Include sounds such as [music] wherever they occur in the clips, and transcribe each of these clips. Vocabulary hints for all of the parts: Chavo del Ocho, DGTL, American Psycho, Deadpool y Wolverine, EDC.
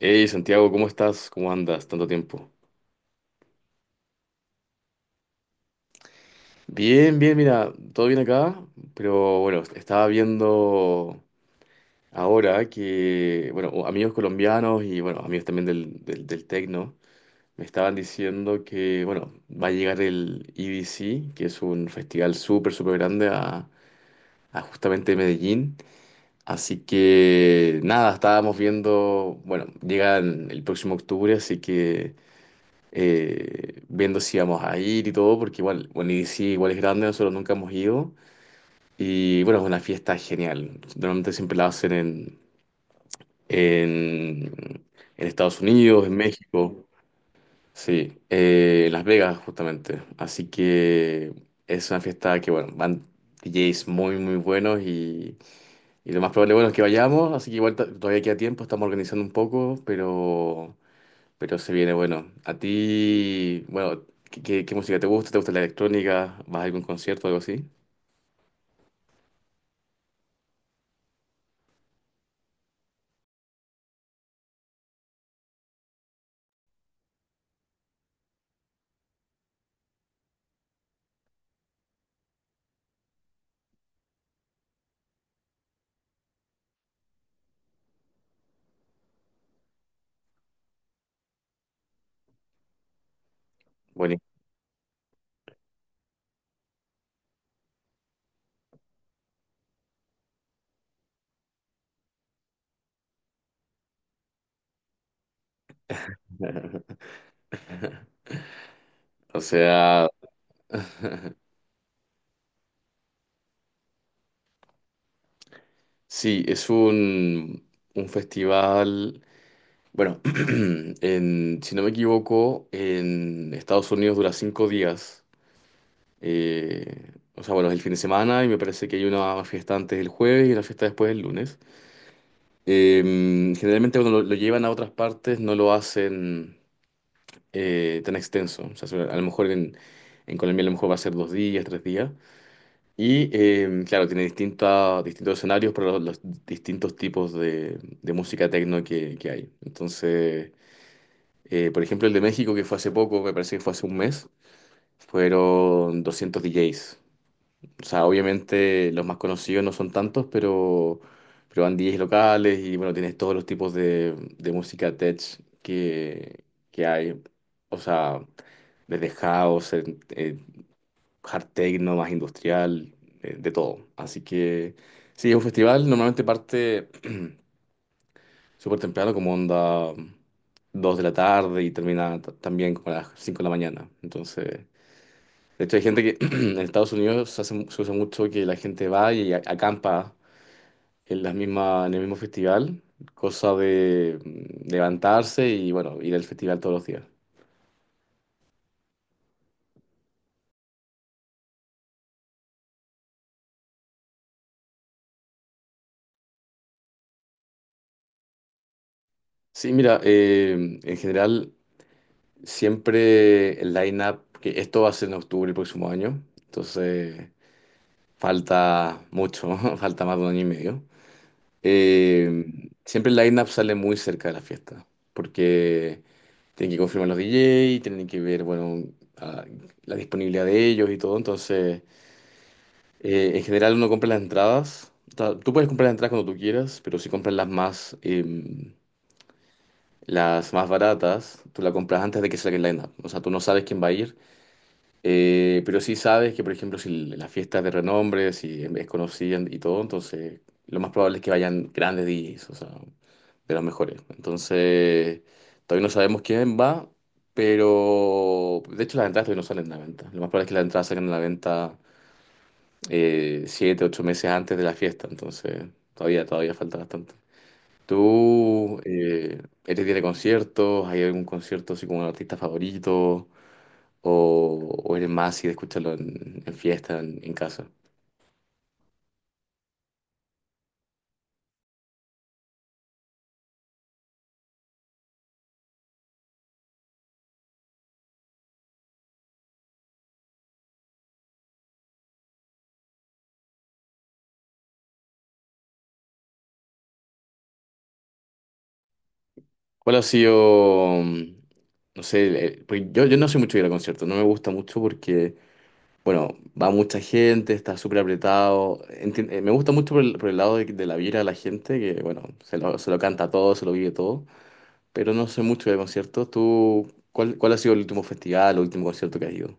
Hey Santiago, ¿cómo estás? ¿Cómo andas? Tanto tiempo. Bien, bien, mira, todo bien acá, pero bueno, estaba viendo ahora que, bueno, amigos colombianos y bueno, amigos también del tecno, me estaban diciendo que, bueno, va a llegar el EDC, que es un festival súper, súper grande a justamente Medellín. Así que nada, estábamos viendo, bueno, llegan el próximo octubre, así que... viendo si íbamos a ir y todo, porque igual, bueno, y sí, igual es grande, nosotros nunca hemos ido. Y bueno, es una fiesta genial. Normalmente siempre la hacen en, en Estados Unidos, en México, sí, en Las Vegas justamente. Así que es una fiesta que, bueno, van DJs muy, muy buenos y lo más probable, bueno, es que vayamos. Así que igual todavía queda tiempo, estamos organizando un poco, pero... Pero se viene bueno. A ti, bueno, ¿qué música te gusta? ¿Te gusta la electrónica? ¿Vas a algún concierto o algo así? Bueno. [laughs] O sea, sí, es un festival. Bueno, [clears throat] si no me equivoco, en Estados Unidos dura 5 días. O sea, bueno, es el fin de semana y me parece que hay una fiesta antes del jueves y una fiesta después del lunes. Generalmente cuando lo llevan a otras partes no lo hacen tan extenso. O sea, a lo mejor en Colombia a lo mejor va a ser 2 días, 3 días. Y claro, tiene distintos escenarios para los distintos tipos de música techno que hay. Entonces, por ejemplo, el de México que fue hace poco, me parece que fue hace un mes, fueron 200 DJs. O sea, obviamente los más conocidos no son tantos, pero van DJs locales y bueno, tienes todos los tipos de música tech que, que hay. O sea, desde house, hard techno, más industrial, de todo. Así que sí, es un festival, normalmente parte [clears throat] súper temprano, como onda 2 de la tarde y termina también como a las 5 de la mañana. Entonces, de hecho hay gente que [clears throat] en Estados Unidos se usa mucho que la gente va y acampa en las mismas, en el mismo festival, cosa de levantarse y bueno, ir al festival todos los días. Sí, mira, en general siempre el line-up, que esto va a ser en octubre el próximo año, entonces falta mucho, [laughs] falta más de un año y medio. Siempre el line-up sale muy cerca de la fiesta, porque tienen que confirmar los DJ, tienen que ver, bueno, a- la disponibilidad de ellos y todo, entonces en general uno compra las entradas. O sea, tú puedes comprar las entradas cuando tú quieras, pero si compras las más... las más baratas, tú las compras antes de que salga el line-up. O sea, tú no sabes quién va a ir. Pero sí sabes que, por ejemplo, si la fiesta es de renombre, si es conocida y todo, entonces lo más probable es que vayan grandes DJs, o sea, de los mejores. Entonces, todavía no sabemos quién va, pero de hecho las entradas todavía no salen a la venta. Lo más probable es que las entradas salgan a la venta 7, 8 meses antes de la fiesta, entonces todavía falta bastante. ¿Tú eres día de conciertos? ¿Hay algún concierto así como un artista favorito? O eres más así de escucharlo en fiesta, en casa? ¿Cuál ha sido, no sé, porque yo no soy mucho de ir a conciertos, no me gusta mucho porque, bueno, va mucha gente, está súper apretado, me gusta mucho por por el lado de la vibra de la gente, que, bueno, se lo canta todo, se lo vive todo, pero no soy mucho de conciertos. ¿Tú, cuál ha sido el último festival o último concierto que has ido?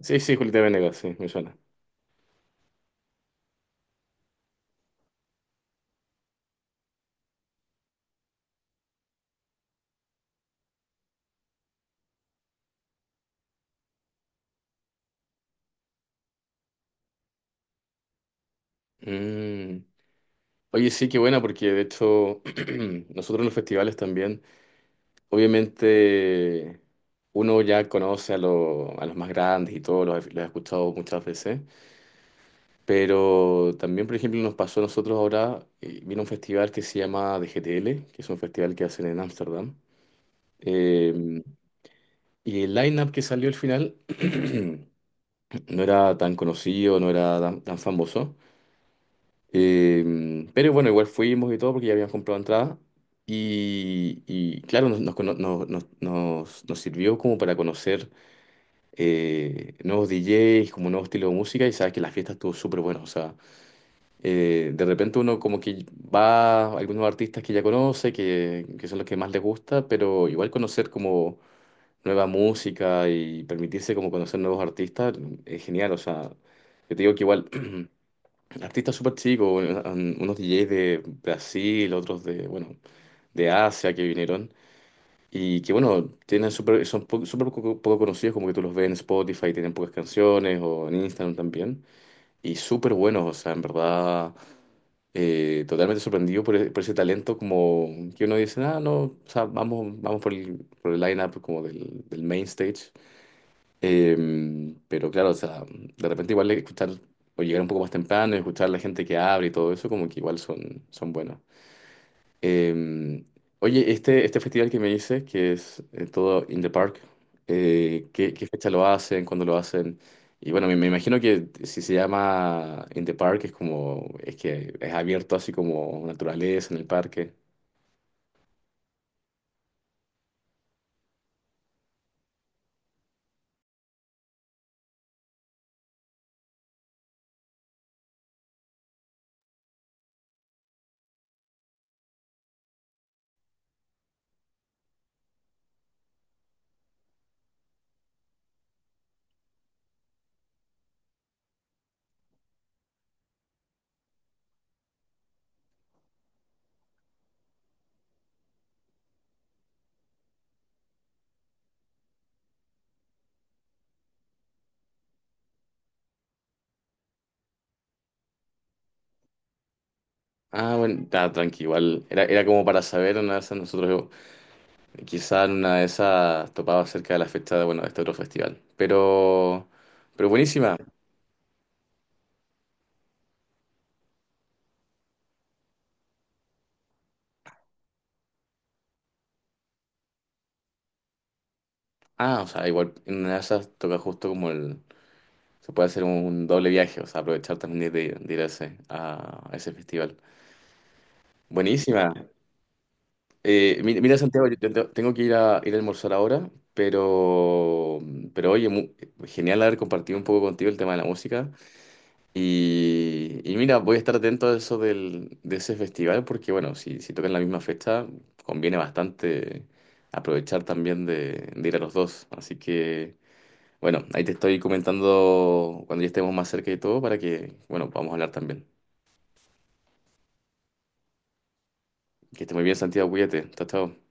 Sí, sí, Julieta Venegas, sí, me suena. Mm. Oye, sí, qué buena, porque de hecho [clears throat] nosotros en los festivales también obviamente uno ya conoce a los más grandes y todo, los he escuchado muchas veces, pero también, por ejemplo, nos pasó a nosotros ahora, vino un festival que se llama DGTL, que es un festival que hacen en Ámsterdam, eh, y el line-up que salió al final [clears throat] no era tan conocido, no era tan famoso, pero bueno, igual fuimos y todo porque ya habíamos comprado entrada. Y claro, nos, nos, cono- nos, nos nos- nos sirvió como para conocer nuevos DJs, como nuevo estilo de música, y sabes que la fiesta estuvo súper buena. O sea, de repente uno como que va a algunos artistas que ya conoce, que son los que más les gusta, pero igual conocer como nueva música y permitirse como conocer nuevos artistas es genial. O sea, yo te digo que igual [clears throat] artistas súper chicos, unos DJs de Brasil, otros de, bueno, de Asia que vinieron. Y que bueno, tienen súper poco, poco conocidos, como que tú los ves en Spotify, tienen pocas canciones o en Instagram también. Y súper buenos, o sea, en verdad, totalmente sorprendido por, por ese talento como que uno dice, ah, no, o sea, vamos por por el line-up como del main stage. Eh, pero claro, o sea, de repente igual escuchar o llegar un poco más temprano, y escuchar la gente que abre y todo eso, como que igual son buenos. Eh, Oye, este festival que me dices, que es todo in the park, ¿qué, qué fecha lo hacen? ¿Cuándo lo hacen? Y bueno, me imagino que si se llama in the park es como, es que es abierto así como naturaleza en el parque. Ah, bueno, está tranqui, igual. Era como para saber, una de esas nosotros quizá en una de esas topaba cerca de la fecha de, bueno, de este otro festival. Pero buenísima. Ah, o sea, igual en una de esas toca justo como el, se puede hacer un doble viaje, o sea, aprovechar también de ir a ese festival. Buenísima. Mira, Santiago, yo tengo que ir a almorzar ahora, pero, pero oye, mu- genial haber compartido un poco contigo el tema de la música. Y mira, voy a estar atento a eso de ese festival, porque bueno, si tocan la misma fecha, conviene bastante aprovechar también de ir a los dos. Así que bueno, ahí te estoy comentando cuando ya estemos más cerca y todo para que, bueno, podamos hablar también. Que esté muy bien, Santiago, cuídate. Chao, chao.